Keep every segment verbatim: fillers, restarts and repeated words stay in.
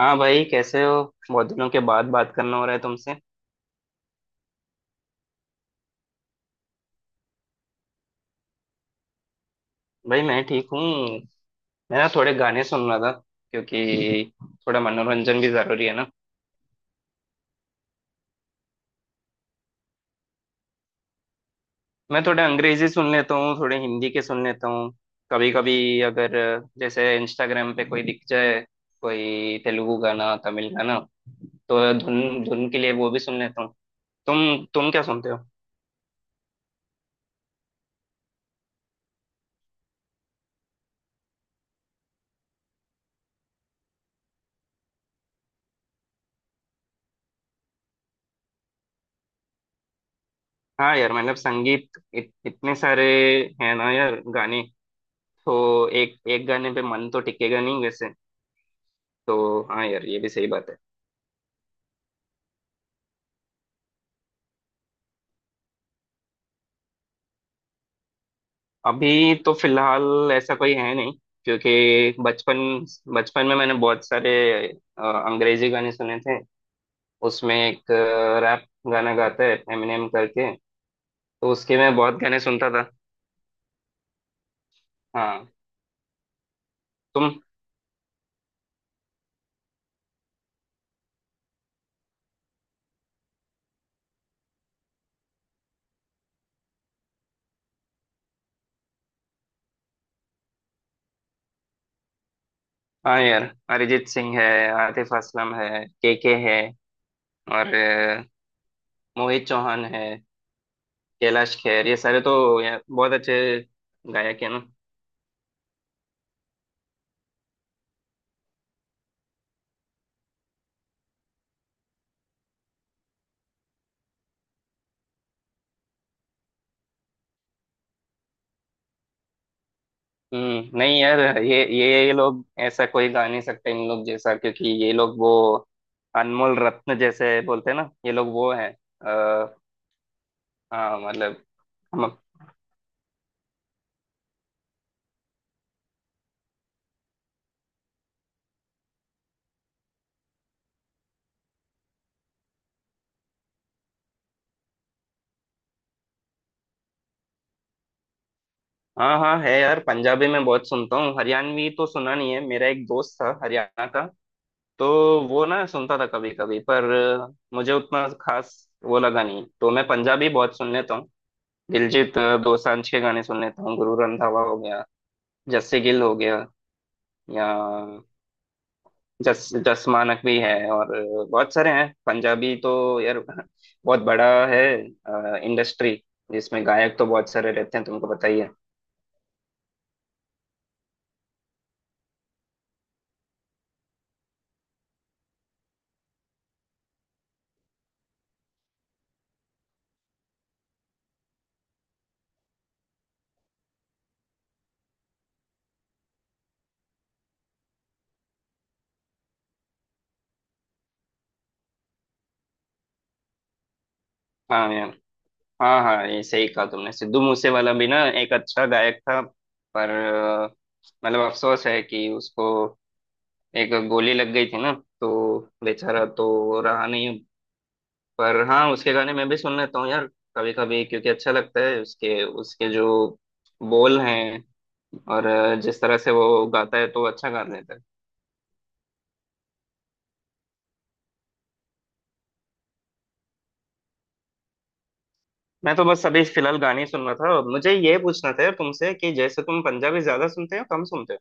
हाँ भाई कैसे हो। बहुत दिनों के बाद बात करना हो रहा है तुमसे। भाई मैं ठीक हूँ। मैं ना थोड़े गाने सुन रहा था, क्योंकि थोड़ा मनोरंजन भी जरूरी है ना। मैं थोड़े अंग्रेजी सुन लेता हूँ, थोड़े हिंदी के सुन लेता हूँ। कभी कभी अगर जैसे इंस्टाग्राम पे कोई दिख जाए, कोई तेलुगु गाना, तमिल गाना, तो धुन धुन के लिए वो भी सुन लेता हूँ। तुम तुम क्या सुनते हो? हाँ यार, मतलब संगीत इत, इतने सारे हैं ना यार गाने, तो एक एक गाने पे मन तो टिकेगा नहीं वैसे। तो हाँ यार, ये भी सही बात है। अभी तो फिलहाल ऐसा कोई है नहीं। क्योंकि बचपन बचपन में मैंने बहुत सारे अ, अंग्रेजी गाने सुने थे। उसमें एक रैप गाना गाता है एमिनेम करके, तो उसके मैं बहुत गाने सुनता था। हाँ। तुम। हाँ यार, अरिजीत सिंह है, आतिफ असलम है, केके है, और अ, मोहित चौहान है, कैलाश खेर, ये सारे तो यार बहुत अच्छे गायक है ना। हम्म। नहीं यार, ये ये ये लोग ऐसा कोई गा नहीं सकते इन लोग जैसा, क्योंकि ये लोग वो अनमोल रत्न जैसे बोलते हैं ना, ये लोग वो है। आ, हाँ मतलब। हम। हाँ हाँ है यार, पंजाबी में बहुत सुनता हूँ। हरियाणवी तो सुना नहीं है। मेरा एक दोस्त था हरियाणा का, तो वो ना सुनता था कभी कभी, पर मुझे उतना खास वो लगा नहीं। तो मैं पंजाबी बहुत सुन लेता हूँ। दिलजीत दोसांझ के गाने सुन लेता हूँ, गुरु रंधावा हो गया, जस्सी गिल हो गया, या जस जस मानक भी है, और बहुत सारे हैं। पंजाबी तो यार बहुत बड़ा है इंडस्ट्री, जिसमें गायक तो बहुत सारे रहते हैं, तुमको पता ही है। हाँ यार। हाँ हाँ, ये सही कहा तुमने, सिद्धू मूसेवाला भी ना एक अच्छा गायक था। पर अ, मतलब अफसोस है कि उसको एक गोली लग गई थी ना, तो बेचारा तो रहा नहीं। पर हाँ, उसके गाने मैं भी सुन लेता हूँ यार कभी कभी, क्योंकि अच्छा लगता है उसके उसके जो बोल हैं, और अ, जिस तरह से वो गाता है तो अच्छा गा लेता है। मैं तो बस अभी फिलहाल गाने ही सुन रहा था। और मुझे ये पूछना था यार तुमसे कि जैसे तुम पंजाबी ज्यादा सुनते हो, कम सुनते हो?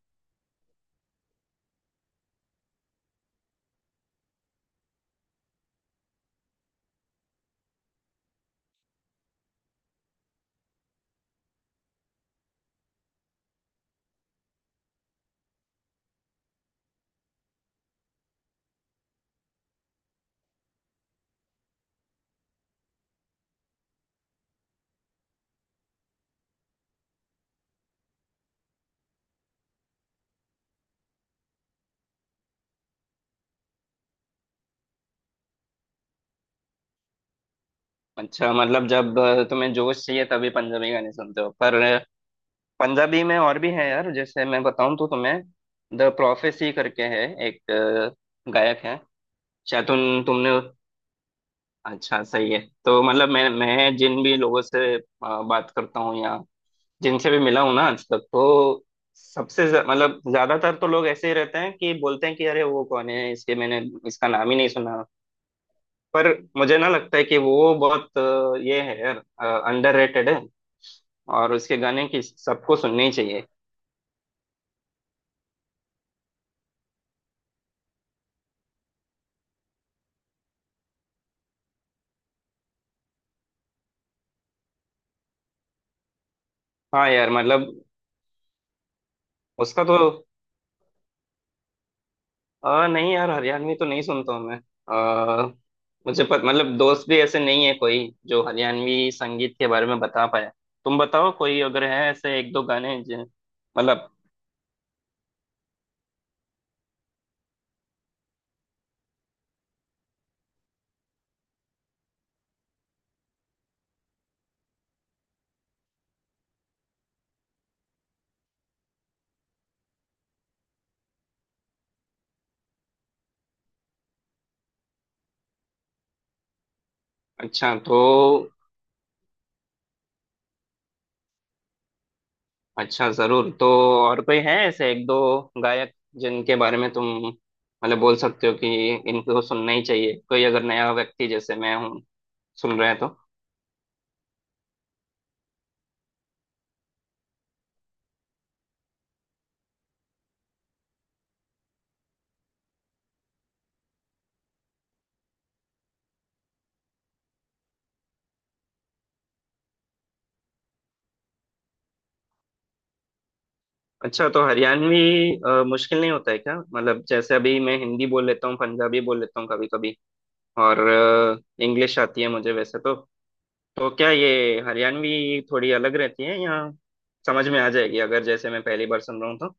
अच्छा मतलब जब अ, तुम्हें जोश चाहिए तभी पंजाबी गाने सुनते हो पर अ, पंजाबी में और भी है यार। जैसे मैं बताऊं तो तुम्हें, द प्रोफेसी करके है एक अ, गायक है। शायद तुम तुमने। अच्छा सही है। तो मतलब मैं मैं जिन भी लोगों से अ, बात करता हूँ या जिनसे भी मिला हूं ना आज तक, तो सबसे ज- मतलब ज्यादातर तो लोग ऐसे ही रहते हैं कि बोलते हैं कि अरे वो कौन है, इसके मैंने इसका नाम ही नहीं सुना। पर मुझे ना लगता है कि वो बहुत अ, ये है यार अंडररेटेड है और उसके गाने की सबको सुनने ही चाहिए। हाँ यार मतलब। उसका तो अ, नहीं यार, हरियाणवी तो नहीं सुनता हूँ मैं। अ, मुझे पत, मतलब दोस्त भी ऐसे नहीं है कोई जो हरियाणवी संगीत के बारे में बता पाए। तुम बताओ कोई अगर है ऐसे एक दो गाने जो- मतलब। अच्छा तो। अच्छा जरूर। तो और कोई है ऐसे एक दो गायक जिनके बारे में तुम मतलब बोल सकते हो कि इनको सुनना ही चाहिए, कोई अगर नया व्यक्ति जैसे मैं हूँ सुन रहे हैं तो? अच्छा तो हरियाणवी अ, मुश्किल नहीं होता है क्या? मतलब जैसे अभी मैं हिंदी बोल लेता हूँ, पंजाबी बोल लेता हूँ कभी कभी, और इंग्लिश आती है मुझे वैसे तो। तो क्या ये हरियाणवी थोड़ी अलग रहती है या समझ में आ जाएगी अगर जैसे मैं पहली बार सुन रहा हूँ तो?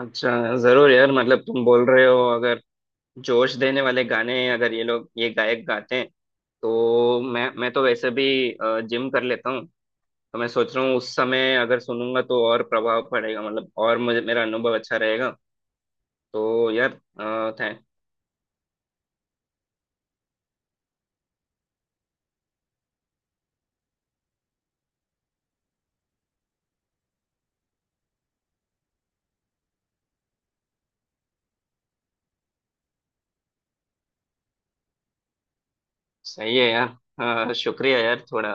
अच्छा जरूर यार, मतलब तुम बोल रहे हो अगर जोश देने वाले गाने अगर ये लोग ये गायक गाते हैं, तो मैं मैं तो वैसे भी जिम कर लेता हूँ, तो मैं सोच रहा हूँ उस समय अगर सुनूंगा तो और प्रभाव पड़ेगा, मतलब और मुझे मेरा अनुभव अच्छा रहेगा। तो यार अ, थैंक। सही है यार। अ, शुक्रिया यार थोड़ा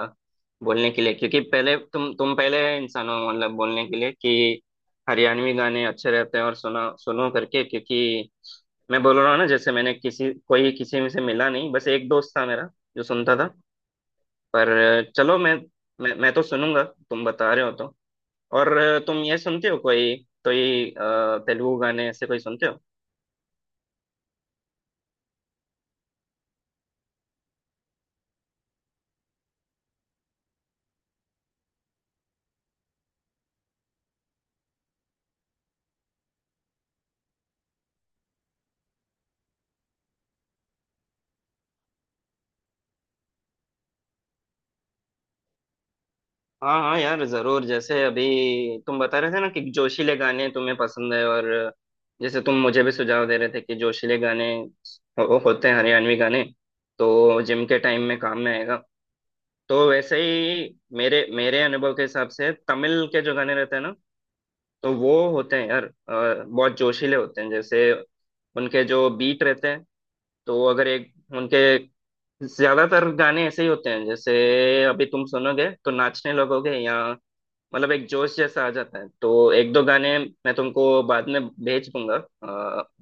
बोलने के लिए, क्योंकि पहले तुम तुम पहले इंसान हो मतलब बोलने के लिए कि हरियाणवी गाने अच्छे रहते हैं और सुना सुनो करके, क्योंकि मैं बोल रहा हूँ ना जैसे मैंने किसी कोई किसी में से मिला नहीं, बस एक दोस्त था मेरा जो सुनता था, पर। चलो मैं, मैं मैं तो सुनूंगा तुम बता रहे हो तो। और तुम ये सुनते हो कोई, कोई अ, तेलुगु गाने ऐसे कोई सुनते हो? हाँ हाँ यार जरूर। जैसे अभी तुम बता रहे थे ना कि जोशीले गाने तुम्हें पसंद है, और जैसे तुम मुझे भी सुझाव दे रहे थे कि जोशीले गाने हो, होते हैं हरियाणवी गाने, तो जिम के टाइम में काम में आएगा। तो वैसे ही मेरे मेरे अनुभव के हिसाब से तमिल के जो गाने रहते हैं ना, तो वो होते हैं यार अ, बहुत जोशीले होते हैं। जैसे उनके जो बीट रहते हैं, तो वो अगर एक उनके ज्यादातर गाने ऐसे ही होते हैं, जैसे अभी तुम सुनोगे तो नाचने लगोगे या मतलब एक जोश जैसा आ जाता है। तो एक दो गाने मैं तुमको बाद में भेज दूंगा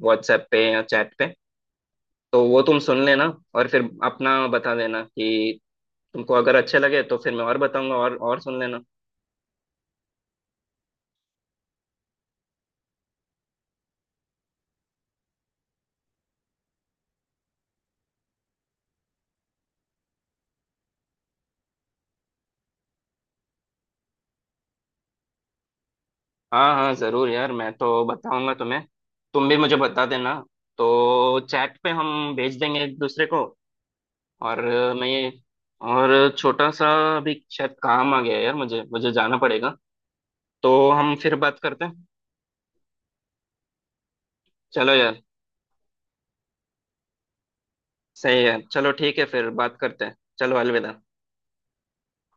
व्हाट्सएप पे या चैट पे, तो वो तुम सुन लेना। और फिर अपना बता देना कि तुमको अगर अच्छे लगे तो फिर मैं और बताऊंगा और और सुन लेना। हाँ हाँ जरूर यार, मैं तो बताऊंगा तुम्हें, तुम भी मुझे बता देना। तो चैट पे हम भेज देंगे एक दूसरे को। और अ, मैं ये और छोटा सा अभी शायद काम आ गया है यार, मुझे मुझे जाना पड़ेगा। तो हम फिर बात करते हैं। चलो यार, सही है, चलो ठीक है, फिर बात करते हैं। चलो अलविदा।